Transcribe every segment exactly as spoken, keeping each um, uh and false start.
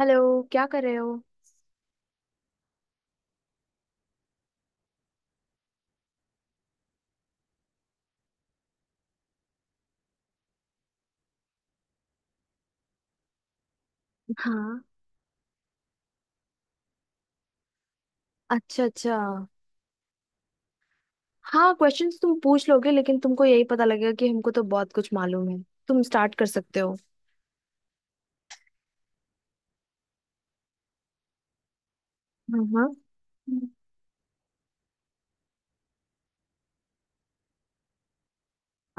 Hello, क्या कर रहे हो? हाँ। अच्छा, अच्छा। हाँ, क्वेश्चंस तुम पूछ लोगे, लेकिन तुमको यही पता लगेगा कि हमको तो बहुत कुछ मालूम है। तुम स्टार्ट कर सकते हो। हाँ, हाँ। हम्म।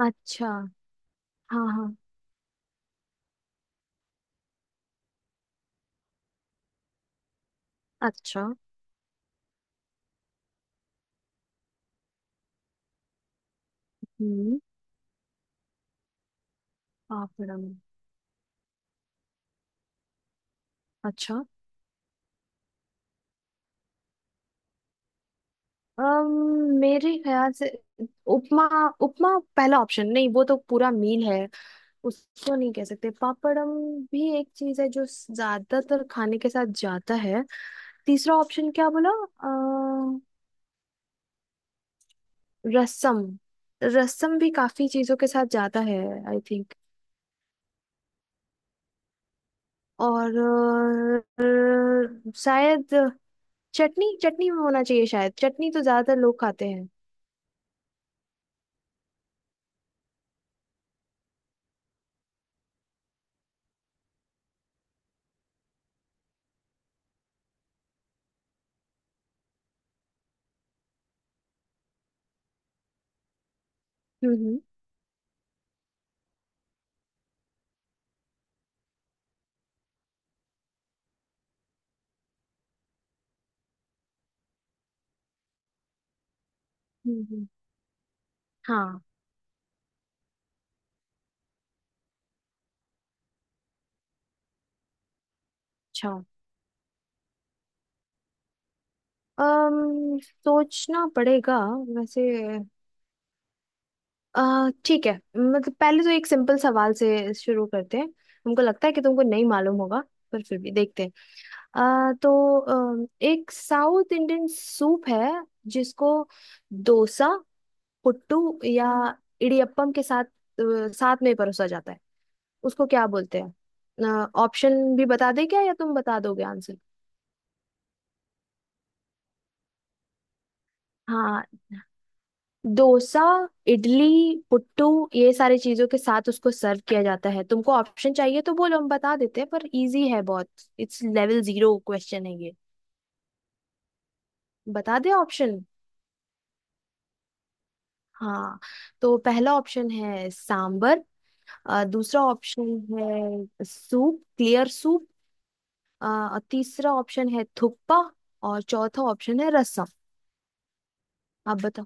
अच्छा। हाँ, हाँ। अच्छा। हम्म। पापड़म। अच्छा। अम्म मेरे ख्याल से उपमा। उपमा पहला ऑप्शन नहीं, वो तो पूरा मील है। उसको नहीं कह सकते। पापड़म भी एक चीज है जो ज्यादातर खाने के साथ जाता है। तीसरा ऑप्शन क्या बोला? रसम। रसम भी काफी चीजों के साथ जाता है, आई थिंक। और अ, शायद चटनी। चटनी में होना चाहिए, शायद। चटनी तो ज्यादातर लोग खाते हैं। हम्म, हम्म, हम्म, हम्म। हाँ। अच्छा। अम सोचना पड़ेगा वैसे। अ, ठीक है, मतलब पहले तो एक सिंपल सवाल से शुरू करते हैं। हमको लगता है कि तुमको नहीं मालूम होगा, पर फिर भी देखते हैं। आ, तो अम, एक साउथ इंडियन सूप है, जिसको डोसा, पुट्टू या इडियप्पम के साथ अ, साथ में परोसा जाता है, उसको क्या बोलते हैं? ऑप्शन भी बता दें क्या, या तुम बता दोगे आंसर? हाँ। डोसा, इडली, पुट्टू, ये सारी चीजों के साथ उसको सर्व किया जाता है। तुमको ऑप्शन चाहिए तो बोलो, हम बता देते हैं, पर इजी है बहुत। इट्स लेवल जीरो क्वेश्चन है ये। बता दे ऑप्शन। हाँ। तो पहला ऑप्शन है सांबर। अ, दूसरा ऑप्शन है सूप, क्लियर सूप। अ, तीसरा ऑप्शन है थुक्पा। और चौथा ऑप्शन है रसम। आप बताओ।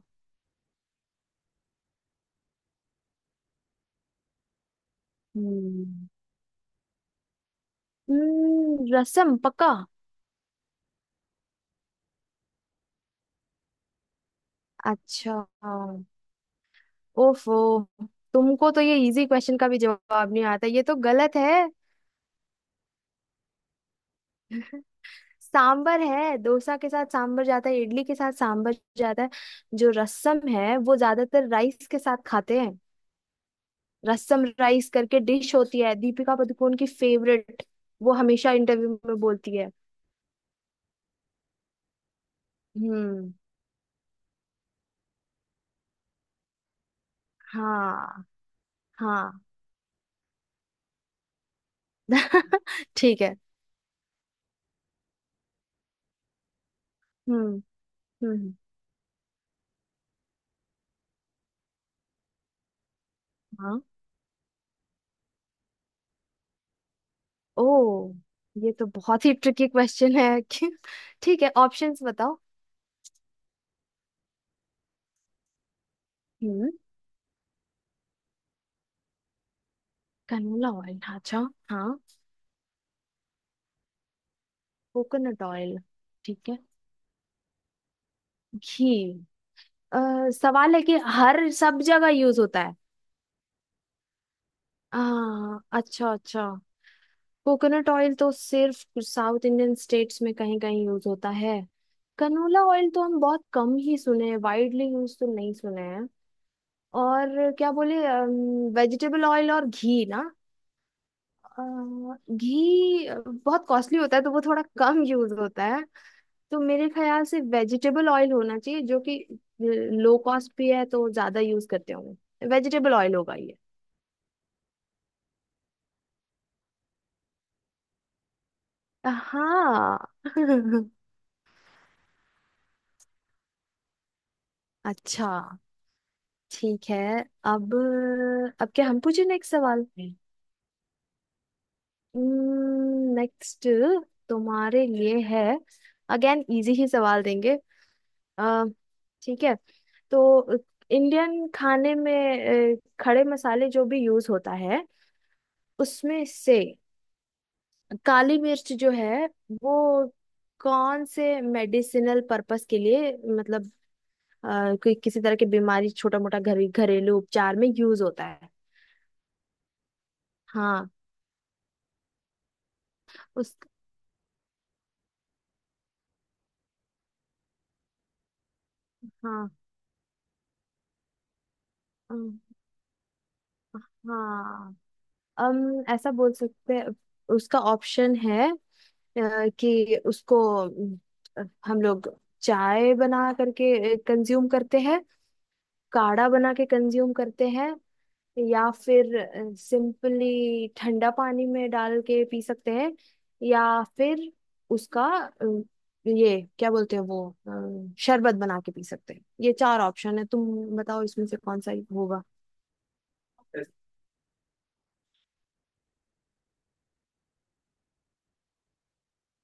हम्म, हम्म। रसम पक्का। अच्छा। ओफो। तुमको तो ये इजी क्वेश्चन का भी जवाब नहीं आता, ये तो गलत है। सांबर है। डोसा के साथ सांबर जाता है, इडली के साथ सांबर जाता है। जो रसम है वो ज्यादातर राइस के साथ खाते हैं। रसम राइस करके डिश होती है, दीपिका पादुकोण की फेवरेट। वो हमेशा इंटरव्यू में बोलती है। हम्म। हाँ, हाँ। ठीक है। हम्म, हम्म। हाँ। ओ। ये तो बहुत ही ट्रिकी क्वेश्चन है। कि- ठीक है, ऑप्शंस बताओ। हम्म। कनोला ऑयल, अच्छा। हाँ। Coconut oil. ठीक है। घी। अ, सवाल है कि हर सब जगह यूज होता है। आ, अच्छा, अच्छा। कोकोनट ऑयल तो सिर्फ साउथ इंडियन स्टेट्स में कहीं कहीं यूज होता है। कनोला ऑयल तो हम बहुत कम ही सुने हैं, वाइडली यूज तो नहीं सुने हैं। और क्या बोले, वेजिटेबल ऑयल और घी ना। अ, घी बहुत कॉस्टली होता है, तो वो थोड़ा कम यूज होता है। तो मेरे ख्याल से वेजिटेबल ऑयल होना चाहिए, जो कि लो कॉस्ट भी है, तो ज्यादा यूज करते होंगे। वेजिटेबल ऑयल होगा ये। हाँ। अच्छा। ठीक है। अब अब क्या हम पूछे नेक्स्ट सवाल? नेक्स्ट तुम्हारे लिए है। अगेन इजी ही सवाल देंगे। अ, ठीक है। तो इंडियन खाने में अ, खड़े मसाले जो भी यूज होता है, उसमें से काली मिर्च जो है वो कौन से मेडिसिनल पर्पस के लिए, मतलब अ, कोई किसी तरह की बीमारी, छोटा मोटा घर घरेलू उपचार में यूज होता है? हाँ। उस हाँ। अम, हाँ, हम ऐसा बोल सकते हैं। उसका ऑप्शन है, अ, कि उसको अम, हम लोग चाय बना करके कंज्यूम करते हैं, काढ़ा बना के कंज्यूम करते हैं, या फिर सिंपली ठंडा पानी में डाल के पी सकते हैं, या फिर उसका अम, ये क्या बोलते हैं वो, अम, शरबत बना के पी सकते हैं। ये चार ऑप्शन है, तुम बताओ इसमें से कौन सा होगा।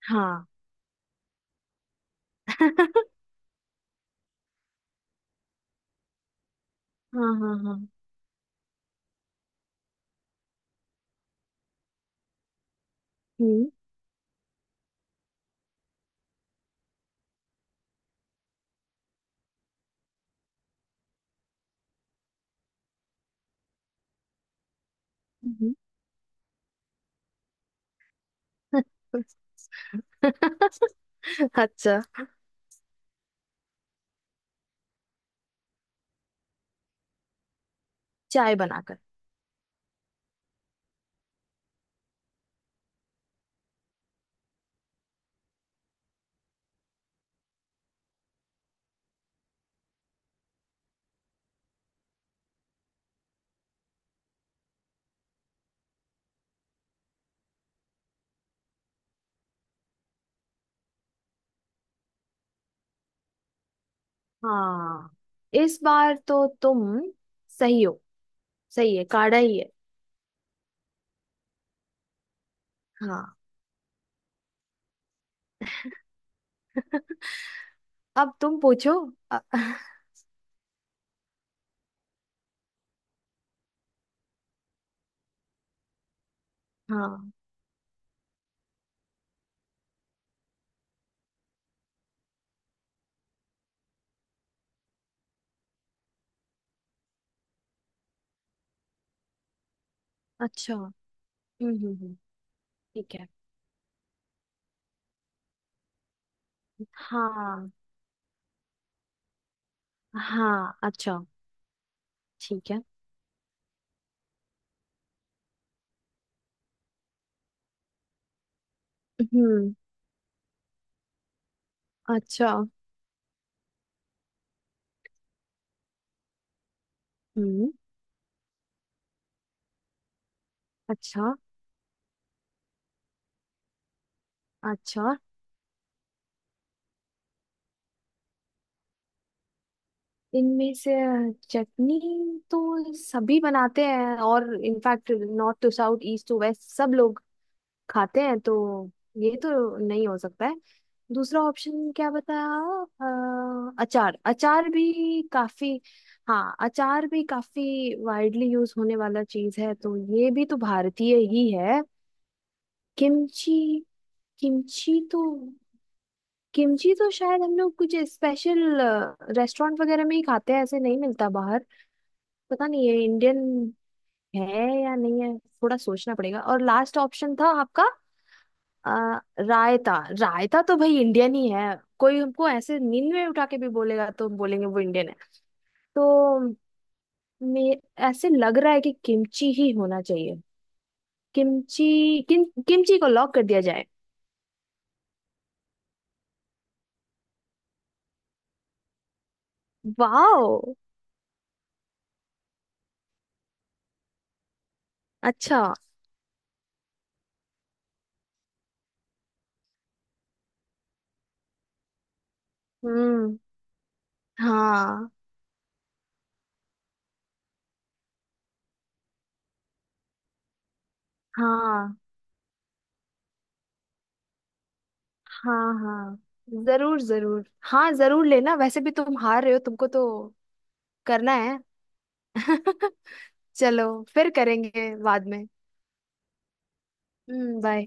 हाँ। हाँ, हाँ, हाँ। हम्म, हम्म। अच्छा। चाय बनाकर। हाँ, इस बार तो तुम सही हो। सही है, काढ़ा ही है। हाँ। अब तुम पूछो। अ- हाँ। अच्छा। हम्म, हम्म, हम्म, ठीक है। हाँ, हाँ। अच्छा। ठीक है। हम्म। अच्छा। हम्म। अच्छा, अच्छा। इनमें से चटनी तो सभी बनाते हैं, और in fact north to south, east to west सब लोग खाते हैं, तो ये तो नहीं हो सकता है। दूसरा ऑप्शन क्या बताया? अ, अचार, अचार भी काफी। हाँ, अचार भी काफी वाइडली यूज होने वाला चीज है, तो ये भी तो भारतीय ही है। किमची। किमची तो किमची तो शायद हम लोग कुछ स्पेशल रेस्टोरेंट वगैरह में ही खाते हैं, ऐसे नहीं मिलता बाहर। पता नहीं ये इंडियन है या नहीं है, थोड़ा सोचना पड़ेगा। और लास्ट ऑप्शन था आपका? अ, रायता। रायता तो भाई इंडियन ही है। कोई हमको ऐसे नींद में उठा के भी बोलेगा तो हम बोलेंगे वो इंडियन है। तो मे ऐसे लग रहा है कि किमची ही होना चाहिए। किमची किम किमची को लॉक कर दिया जाए। वाओ। अच्छा। हम्म। हाँ, हाँ, हाँ, हाँ। जरूर, जरूर। हाँ, जरूर लेना, वैसे भी तुम हार रहे हो, तुमको तो करना है। चलो। फिर करेंगे बाद में। बाय।